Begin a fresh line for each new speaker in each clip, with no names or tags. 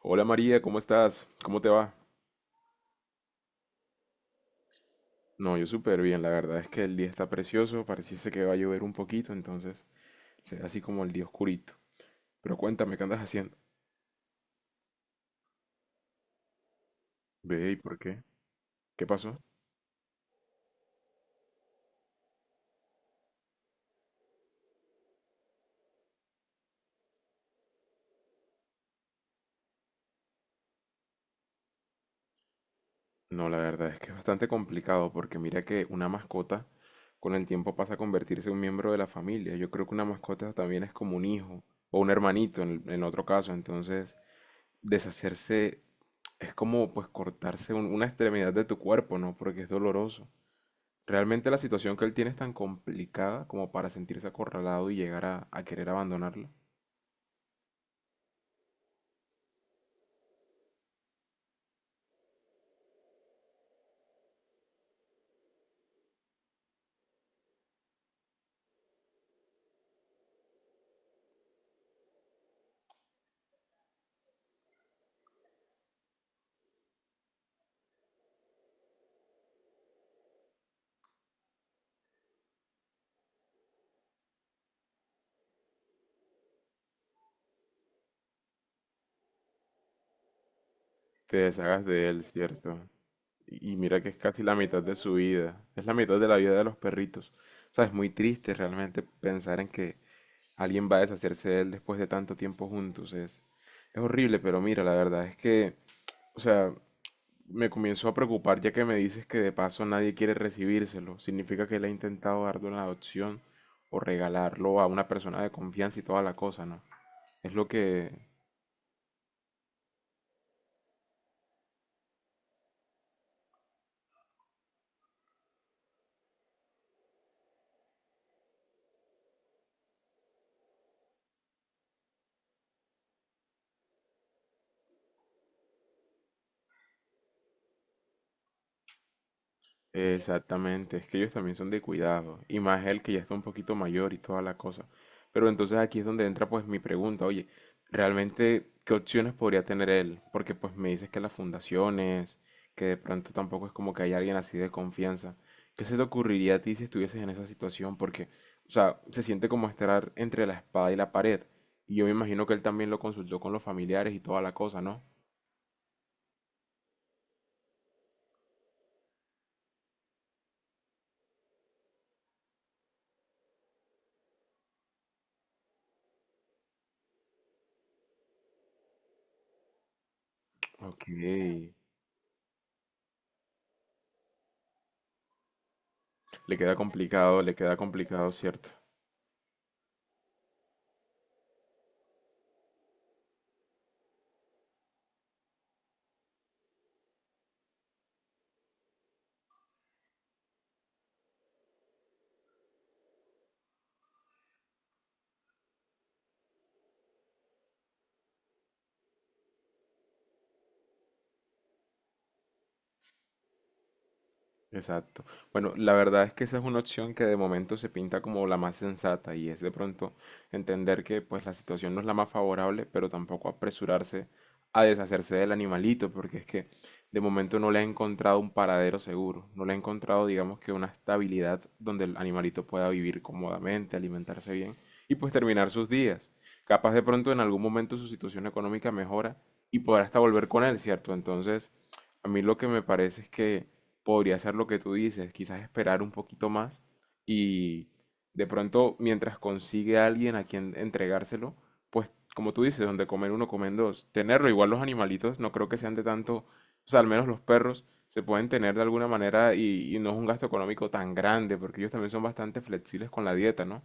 Hola María, ¿cómo estás? ¿Cómo te va? No, yo súper bien, la verdad es que el día está precioso, pareciese que va a llover un poquito, entonces será así como el día oscurito. Pero cuéntame, ¿qué andas haciendo? Ve, ¿y por qué? ¿Qué pasó? No, la verdad es que es bastante complicado porque mira que una mascota con el tiempo pasa a convertirse en un miembro de la familia. Yo creo que una mascota también es como un hijo o un hermanito en otro caso, entonces deshacerse es como pues cortarse una extremidad de tu cuerpo, ¿no? Porque es doloroso. Realmente la situación que él tiene es tan complicada como para sentirse acorralado y llegar a querer abandonarla. Te deshagas de él, ¿cierto? Y mira que es casi la mitad de su vida. Es la mitad de la vida de los perritos. O sea, es muy triste realmente pensar en que alguien va a deshacerse de él después de tanto tiempo juntos. Es horrible, pero mira, la verdad es que, o sea, me comienzo a preocupar ya que me dices que de paso nadie quiere recibírselo. Significa que él ha intentado darlo en adopción o regalarlo a una persona de confianza y toda la cosa, ¿no? Es lo que... Exactamente, es que ellos también son de cuidado, y más él que ya está un poquito mayor y toda la cosa. Pero entonces aquí es donde entra pues mi pregunta, oye, ¿realmente qué opciones podría tener él? Porque pues me dices que las fundaciones, que de pronto tampoco es como que haya alguien así de confianza. ¿Qué se te ocurriría a ti si estuvieses en esa situación? Porque, o sea, se siente como estar entre la espada y la pared, y yo me imagino que él también lo consultó con los familiares y toda la cosa, ¿no? Ok, le queda complicado, ¿cierto? Exacto. Bueno, la verdad es que esa es una opción que de momento se pinta como la más sensata y es de pronto entender que pues la situación no es la más favorable, pero tampoco apresurarse a deshacerse del animalito, porque es que de momento no le ha encontrado un paradero seguro, no le ha encontrado digamos que una estabilidad donde el animalito pueda vivir cómodamente, alimentarse bien y pues terminar sus días. Capaz de pronto en algún momento su situación económica mejora y podrá hasta volver con él, ¿cierto? Entonces, a mí lo que me parece es que podría ser lo que tú dices, quizás esperar un poquito más y de pronto mientras consigue a alguien a quien entregárselo, pues como tú dices, donde comer uno, comen dos. Tenerlo, igual los animalitos, no creo que sean de tanto, o sea, al menos los perros se pueden tener de alguna manera y no es un gasto económico tan grande, porque ellos también son bastante flexibles con la dieta, ¿no?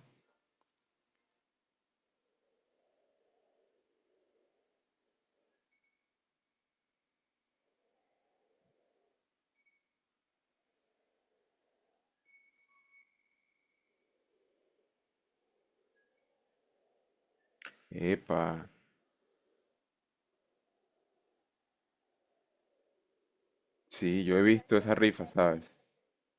Epa, sí, yo he visto esas rifas, ¿sabes?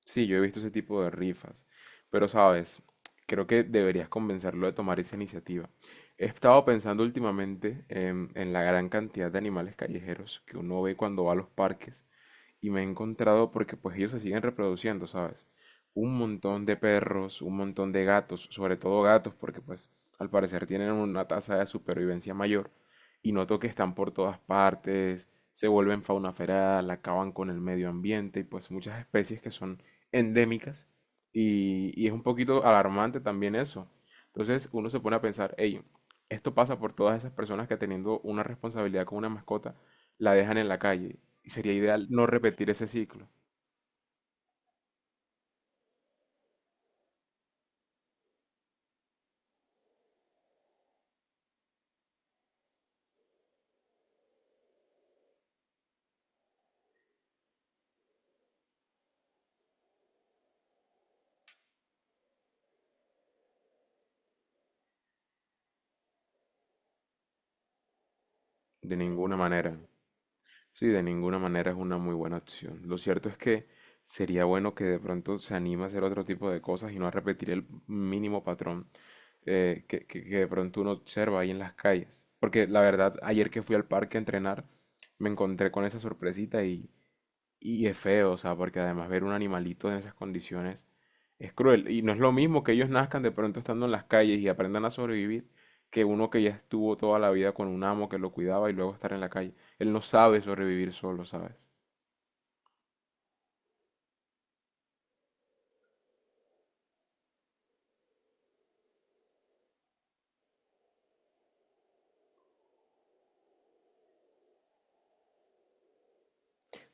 Sí, yo he visto ese tipo de rifas, pero sabes, creo que deberías convencerlo de tomar esa iniciativa. He estado pensando últimamente en la gran cantidad de animales callejeros que uno ve cuando va a los parques y me he encontrado porque pues ellos se siguen reproduciendo, ¿sabes? Un montón de perros, un montón de gatos, sobre todo gatos, porque pues al parecer tienen una tasa de supervivencia mayor y noto que están por todas partes, se vuelven fauna feral, acaban con el medio ambiente y pues muchas especies que son endémicas y es un poquito alarmante también eso. Entonces uno se pone a pensar, hey, esto pasa por todas esas personas que teniendo una responsabilidad con una mascota, la dejan en la calle y sería ideal no repetir ese ciclo. De ninguna manera. Sí, de ninguna manera es una muy buena opción. Lo cierto es que sería bueno que de pronto se anime a hacer otro tipo de cosas y no a repetir el mínimo patrón que de pronto uno observa ahí en las calles. Porque la verdad, ayer que fui al parque a entrenar, me encontré con esa sorpresita y... Y es feo, o sea, porque además ver un animalito en esas condiciones es cruel. Y no es lo mismo que ellos nazcan de pronto estando en las calles y aprendan a sobrevivir que uno que ya estuvo toda la vida con un amo que lo cuidaba y luego estar en la calle. Él no sabe sobrevivir solo, ¿sabes?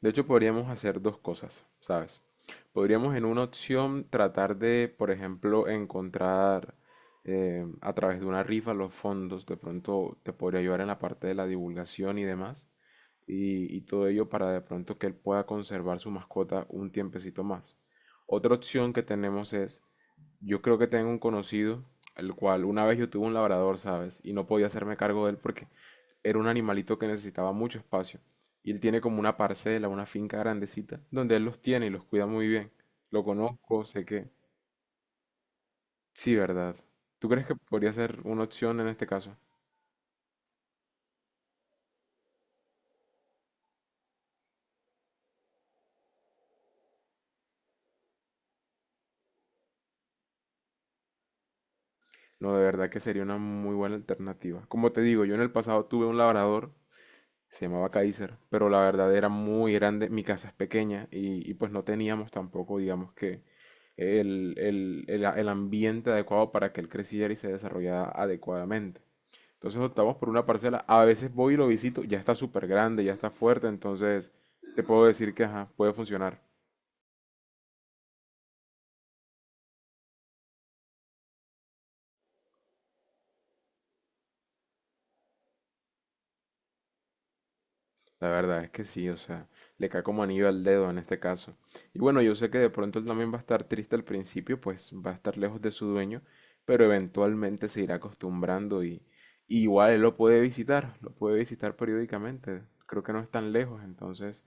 De hecho, podríamos hacer dos cosas, ¿sabes? Podríamos en una opción tratar de, por ejemplo, encontrar a través de una rifa los fondos. De pronto te podría ayudar en la parte de la divulgación y demás. Y y todo ello para de pronto que él pueda conservar su mascota un tiempecito más. Otra opción que tenemos es, yo creo que tengo un conocido, el cual una vez yo tuve un labrador, ¿sabes? Y no podía hacerme cargo de él porque era un animalito que necesitaba mucho espacio. Y él tiene como una parcela, una finca grandecita, donde él los tiene y los cuida muy bien. Lo conozco, sé que... Sí, ¿verdad? ¿Tú crees que podría ser una opción en este caso? No, de verdad que sería una muy buena alternativa. Como te digo, yo en el pasado tuve un labrador. Se llamaba Kaiser, pero la verdad era muy grande, mi casa es pequeña y pues no teníamos tampoco, digamos que, el el ambiente adecuado para que él creciera y se desarrollara adecuadamente. Entonces optamos por una parcela, a veces voy y lo visito, ya está súper grande, ya está fuerte, entonces te puedo decir que ajá, puede funcionar. La verdad es que sí, o sea, le cae como anillo al dedo en este caso. Y bueno, yo sé que de pronto él también va a estar triste al principio, pues va a estar lejos de su dueño, pero eventualmente se irá acostumbrando y igual él lo puede visitar periódicamente. Creo que no es tan lejos, entonces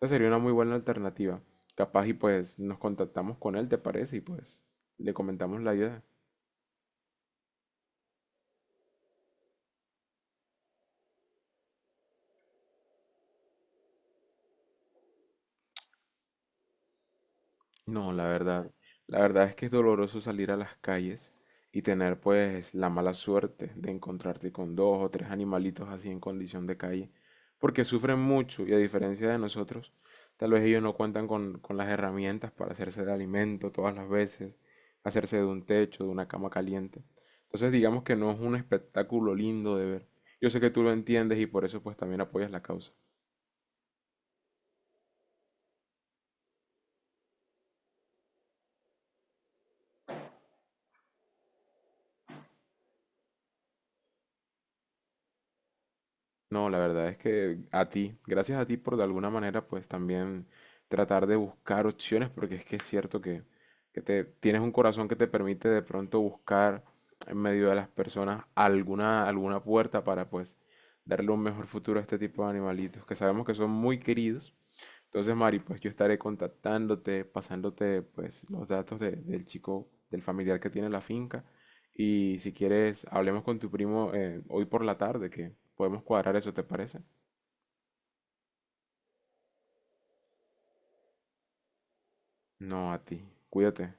esa sería una muy buena alternativa. Capaz y pues nos contactamos con él, ¿te parece? Y pues le comentamos la idea. No, la verdad es que es doloroso salir a las calles y tener pues la mala suerte de encontrarte con dos o tres animalitos así en condición de calle, porque sufren mucho y a diferencia de nosotros, tal vez ellos no cuentan con las herramientas para hacerse de alimento todas las veces, hacerse de un techo, de una cama caliente. Entonces digamos que no es un espectáculo lindo de ver. Yo sé que tú lo entiendes y por eso pues también apoyas la causa. No, la verdad es que a ti, gracias a ti por de alguna manera pues también tratar de buscar opciones, porque es que es cierto que te, tienes un corazón que te permite de pronto buscar en medio de las personas alguna, alguna puerta para pues darle un mejor futuro a este tipo de animalitos, que sabemos que son muy queridos entonces, Mari, pues yo estaré contactándote, pasándote pues los datos del chico, del familiar que tiene la finca. Y si quieres, hablemos con tu primo hoy por la tarde, que podemos cuadrar eso, ¿te parece? No, a ti. Cuídate.